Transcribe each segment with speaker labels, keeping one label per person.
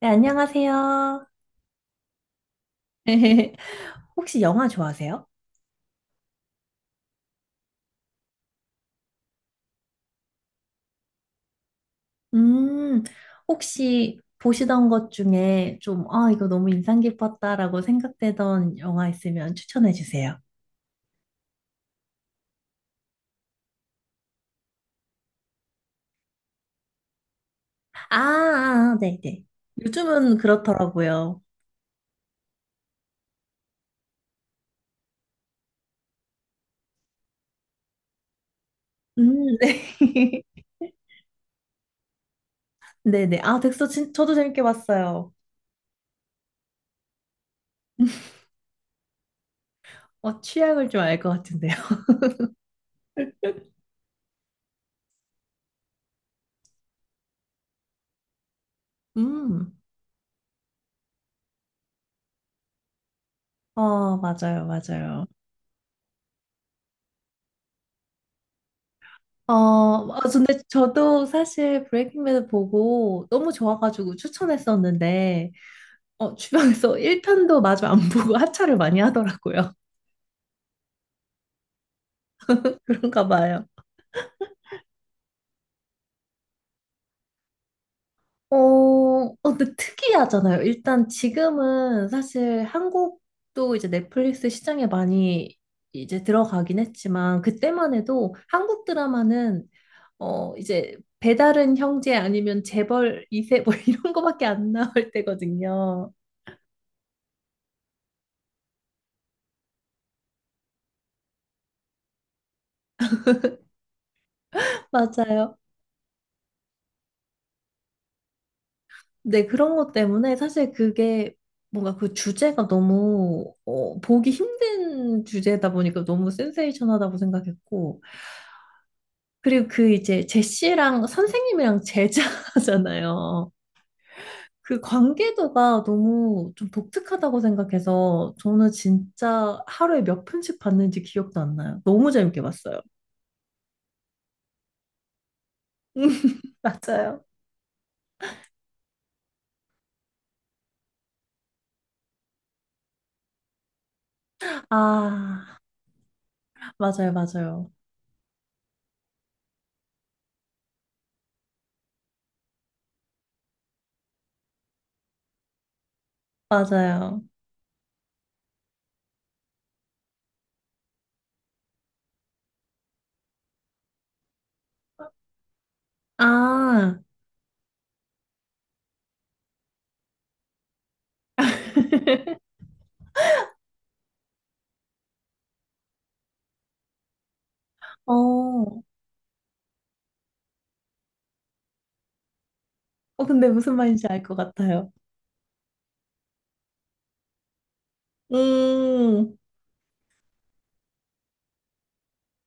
Speaker 1: 네, 안녕하세요. 혹시 영화 좋아하세요? 음, 혹시 보시던 것 중에 좀, 아, 이거 너무 인상 깊었다라고 생각되던 영화 있으면 추천해 주세요. 아, 아, 네네. 요즘은 그렇더라고요. 네. 네네. 아, 덱스터 저도 재밌게 봤어요. 취향을 좀 알 것 같은데요. 음, 맞아요, 맞아요. 아, 근데 저도 사실 브레이킹 배드 보고 너무 좋아가지고 추천했었는데, 주변에서 1편도 마저 안 보고 하차를 많이 하더라고요. 그런가 봐요. 근데 특이하잖아요. 일단 지금은 사실 한국도 이제 넷플릭스 시장에 많이 이제 들어가긴 했지만, 그때만 해도 한국 드라마는 이제 배다른 형제 아니면 재벌 이세뭐 이런 거밖에 안 나올 때거든요. 맞아요. 네, 그런 것 때문에 사실 그게 뭔가 그 주제가 너무 보기 힘든 주제다 보니까 너무 센세이션하다고 생각했고 그리고 그 이제 제시랑 선생님이랑 제자잖아요. 그 관계도가 너무 좀 독특하다고 생각해서 저는 진짜 하루에 몇 편씩 봤는지 기억도 안 나요. 너무 재밌게 봤어요. 맞아요. 아, 맞아요, 맞아요. 맞아요. 아, 어. 근데 무슨 말인지 알 것 같아요. 음,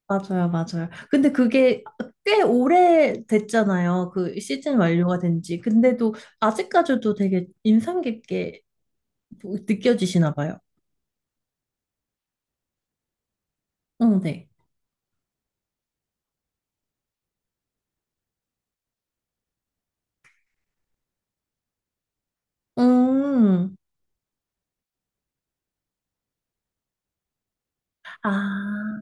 Speaker 1: 맞아요, 맞아요. 근데 그게 꽤 오래 됐잖아요. 그 시즌 완료가 된 지. 근데도 아직까지도 되게 인상 깊게 느껴지시나 봐요. 응, 네. 음, 아,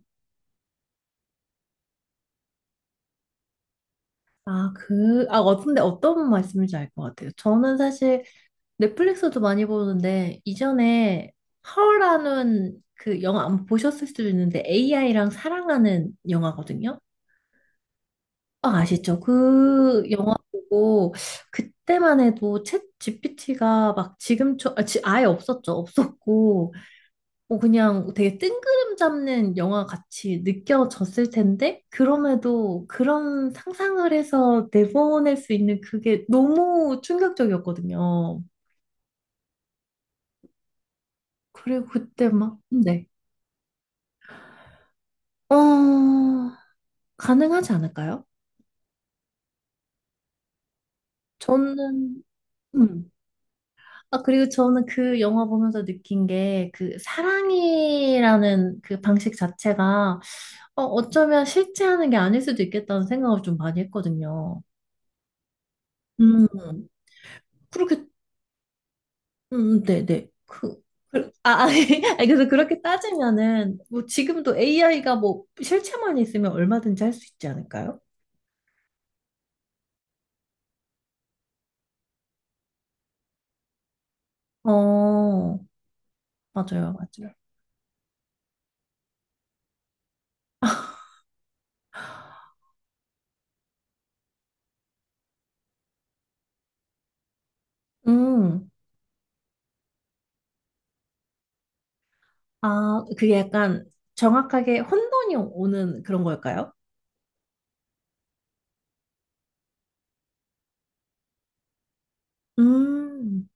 Speaker 1: 근데 어떤 말씀인지 알 것 같아요. 저는 사실 넷플릭스도 많이 보는데, 이전에 하울라는 그 영화 안 보셨을 수도 있는데, AI랑 사랑하는 영화거든요. 아, 아시죠? 그 영화 보고 그때만 해도 챗 GPT가 막 지금처럼 아예 없었죠. 없었고 뭐 그냥 되게 뜬구름 잡는 영화 같이 느껴졌을 텐데 그럼에도 그런 상상을 해서 내보낼 수 있는 그게 너무 충격적이었거든요. 그리고 그때 막 네. 어, 가능하지 않을까요? 저는 음. 아, 그리고 저는 그 영화 보면서 느낀 게 그 사랑이라는 그 방식 자체가 어쩌면 실제 하는 게 아닐 수도 있겠다는 생각을 좀 많이 했거든요. 음, 그렇게, 네네. 그- 아, 아, 아니, 그래서 그렇게 따지면은 뭐 지금도 AI가 뭐 실체만 있으면 얼마든지 할 수 있지 않을까요? 어, 맞아요, 맞아요. 음, 아, 그게 약간 정확하게 혼돈이 오는 그런 걸까요? 음.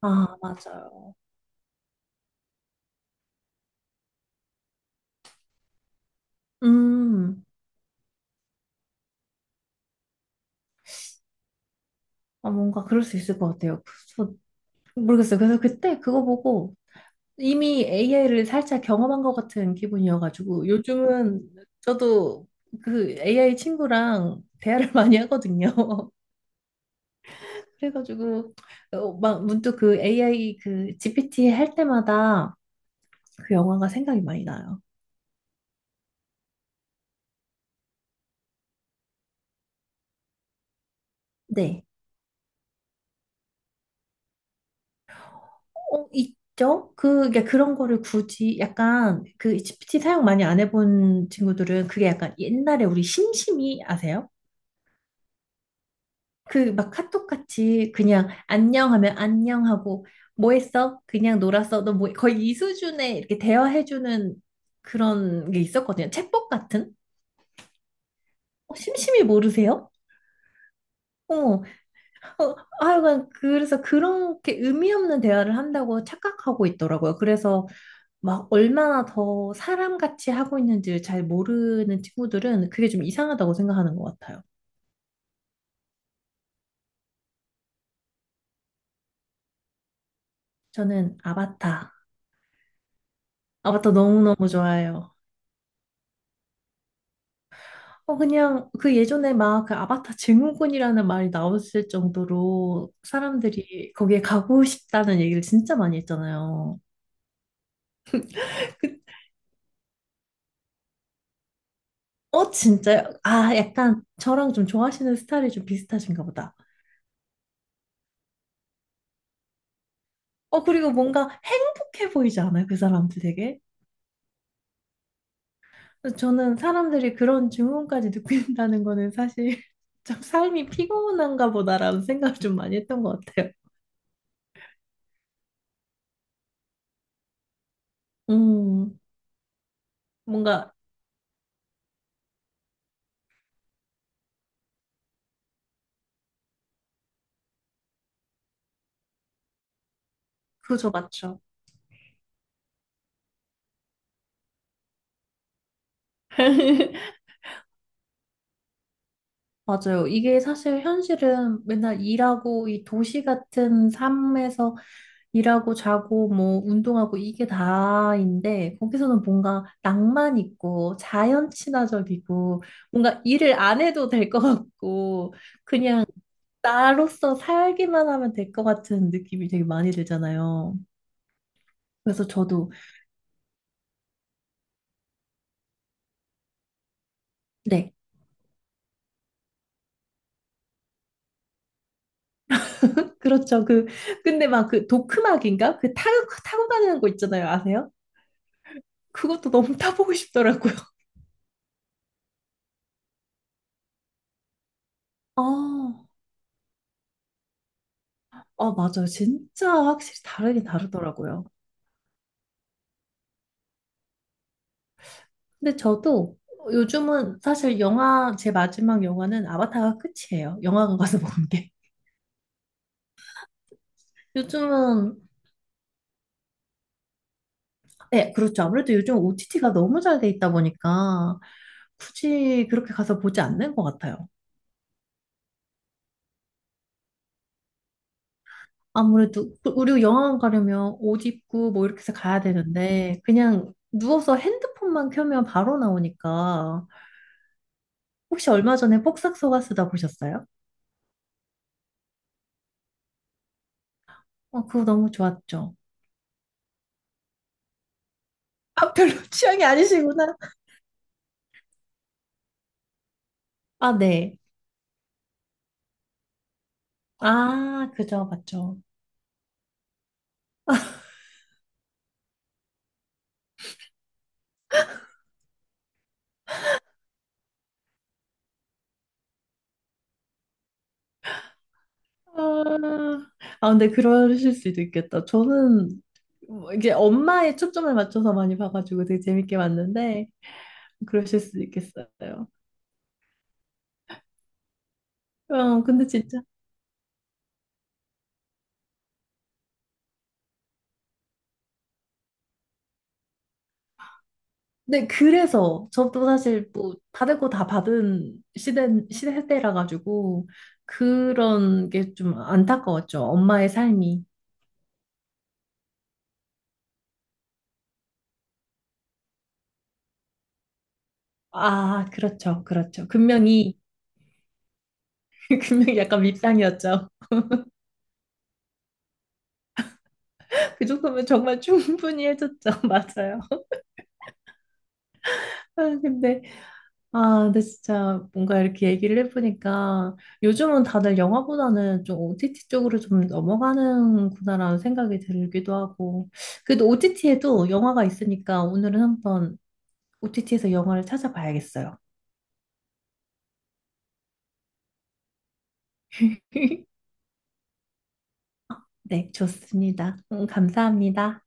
Speaker 1: 아, 맞아요. 음, 아, 뭔가 그럴 수 있을 것 같아요. 그래서 모르겠어요. 그래서 그때 그거 보고 이미 AI를 살짝 경험한 것 같은 기분이어가지고 요즘은 저도 그 AI 친구랑 대화를 많이 하거든요. 그래가지고 막 문득 그 AI 그 GPT 할 때마다 그 영화가 생각이 많이 나요. 네. 있죠? 그 그런 거를 굳이 약간 그 GPT 사용 많이 안 해본 친구들은 그게 약간 옛날에 우리 심심이 아세요? 그 막 카톡 같이 그냥 안녕 하면 안녕 하고 뭐 했어? 그냥 놀았어. 너 뭐, 거의 이 수준의 이렇게 대화해주는 그런 게 있었거든요. 챗봇 같은? 심심이 모르세요? 어, 어, 하여간 그래서 그렇게 의미 없는 대화를 한다고 착각하고 있더라고요. 그래서 막 얼마나 더 사람같이 하고 있는지를 잘 모르는 친구들은 그게 좀 이상하다고 생각하는 것 같아요. 저는 아바타 너무너무 좋아해요. 그냥 그 예전에 막 그 아바타 증후군이라는 말이 나왔을 정도로 사람들이 거기에 가고 싶다는 얘기를 진짜 많이 했잖아요. 그- 그, 진짜요? 아, 약간 저랑 좀 좋아하시는 스타일이 좀 비슷하신가 보다. 그리고 뭔가 행복해 보이지 않아요? 그 사람들 되게? 그래서 저는 사람들이 그런 질문까지 느낀다는 거는 사실 참 삶이 피곤한가 보다라는 생각을 좀 많이 했던 것 같아요. 음, 뭔가, 그죠, 맞죠. 맞아요. 이게 사실 현실은 맨날 일하고 이 도시 같은 삶에서 일하고 자고 뭐 운동하고 이게 다인데 거기서는 뭔가 낭만 있고 자연 친화적이고 뭔가 일을 안 해도 될 것 같고 그냥 나로서 살기만 하면 될 것 같은 느낌이 되게 많이 들잖아요. 그래서 저도. 네, 그렇죠. 근데 막 그 도크막인가 그 타고 타고 다니는 거 있잖아요, 아세요? 그것도 너무 타보고 싶더라고요. 아, 아, 맞아요. 진짜 확실히 다르긴 다르더라고요. 근데 저도 요즘은 사실 영화, 제 마지막 영화는 아바타가 끝이에요. 영화관 가서 본 게. 요즘은, 네, 그렇죠. 아무래도 요즘 OTT가 너무 잘 돼 있다 보니까 굳이 그렇게 가서 보지 않는 것 같아요. 아무래도, 우리 영화관 가려면 옷 입고 뭐 이렇게 해서 가야 되는데, 그냥 누워서 핸드폰만 켜면 바로 나오니까. 혹시 얼마 전에 폭삭 속가수다 보셨어요? 그거 너무 좋았죠. 아, 별로 취향이 아니시구나. 아, 네. 아, 그죠, 맞죠. 아, 아, 근데 그러실 수도 있겠다. 저는 뭐 이게 엄마의 초점을 맞춰서 많이 봐가지고 되게 재밌게 봤는데, 그러실 수도 있겠어요. 근데 진짜. 네, 그래서 저도 사실 뭐 받을 거 다 받은 시대라 가지고 그런 게 좀 안타까웠죠. 엄마의 삶이. 아, 그렇죠, 그렇죠. 분명히, 분명히 약간 밉상이었죠. 그 정도면 정말 충분히 해줬죠. 맞아요. 아, 근데, 아, 근데 진짜 뭔가 이렇게 얘기를 해보니까 요즘은 다들 영화보다는 좀 OTT 쪽으로 좀 넘어가는구나라는 생각이 들기도 하고. 그래도 OTT에도 영화가 있으니까 오늘은 한번 OTT에서 영화를 찾아봐야겠어요. 네, 좋습니다. 감사합니다.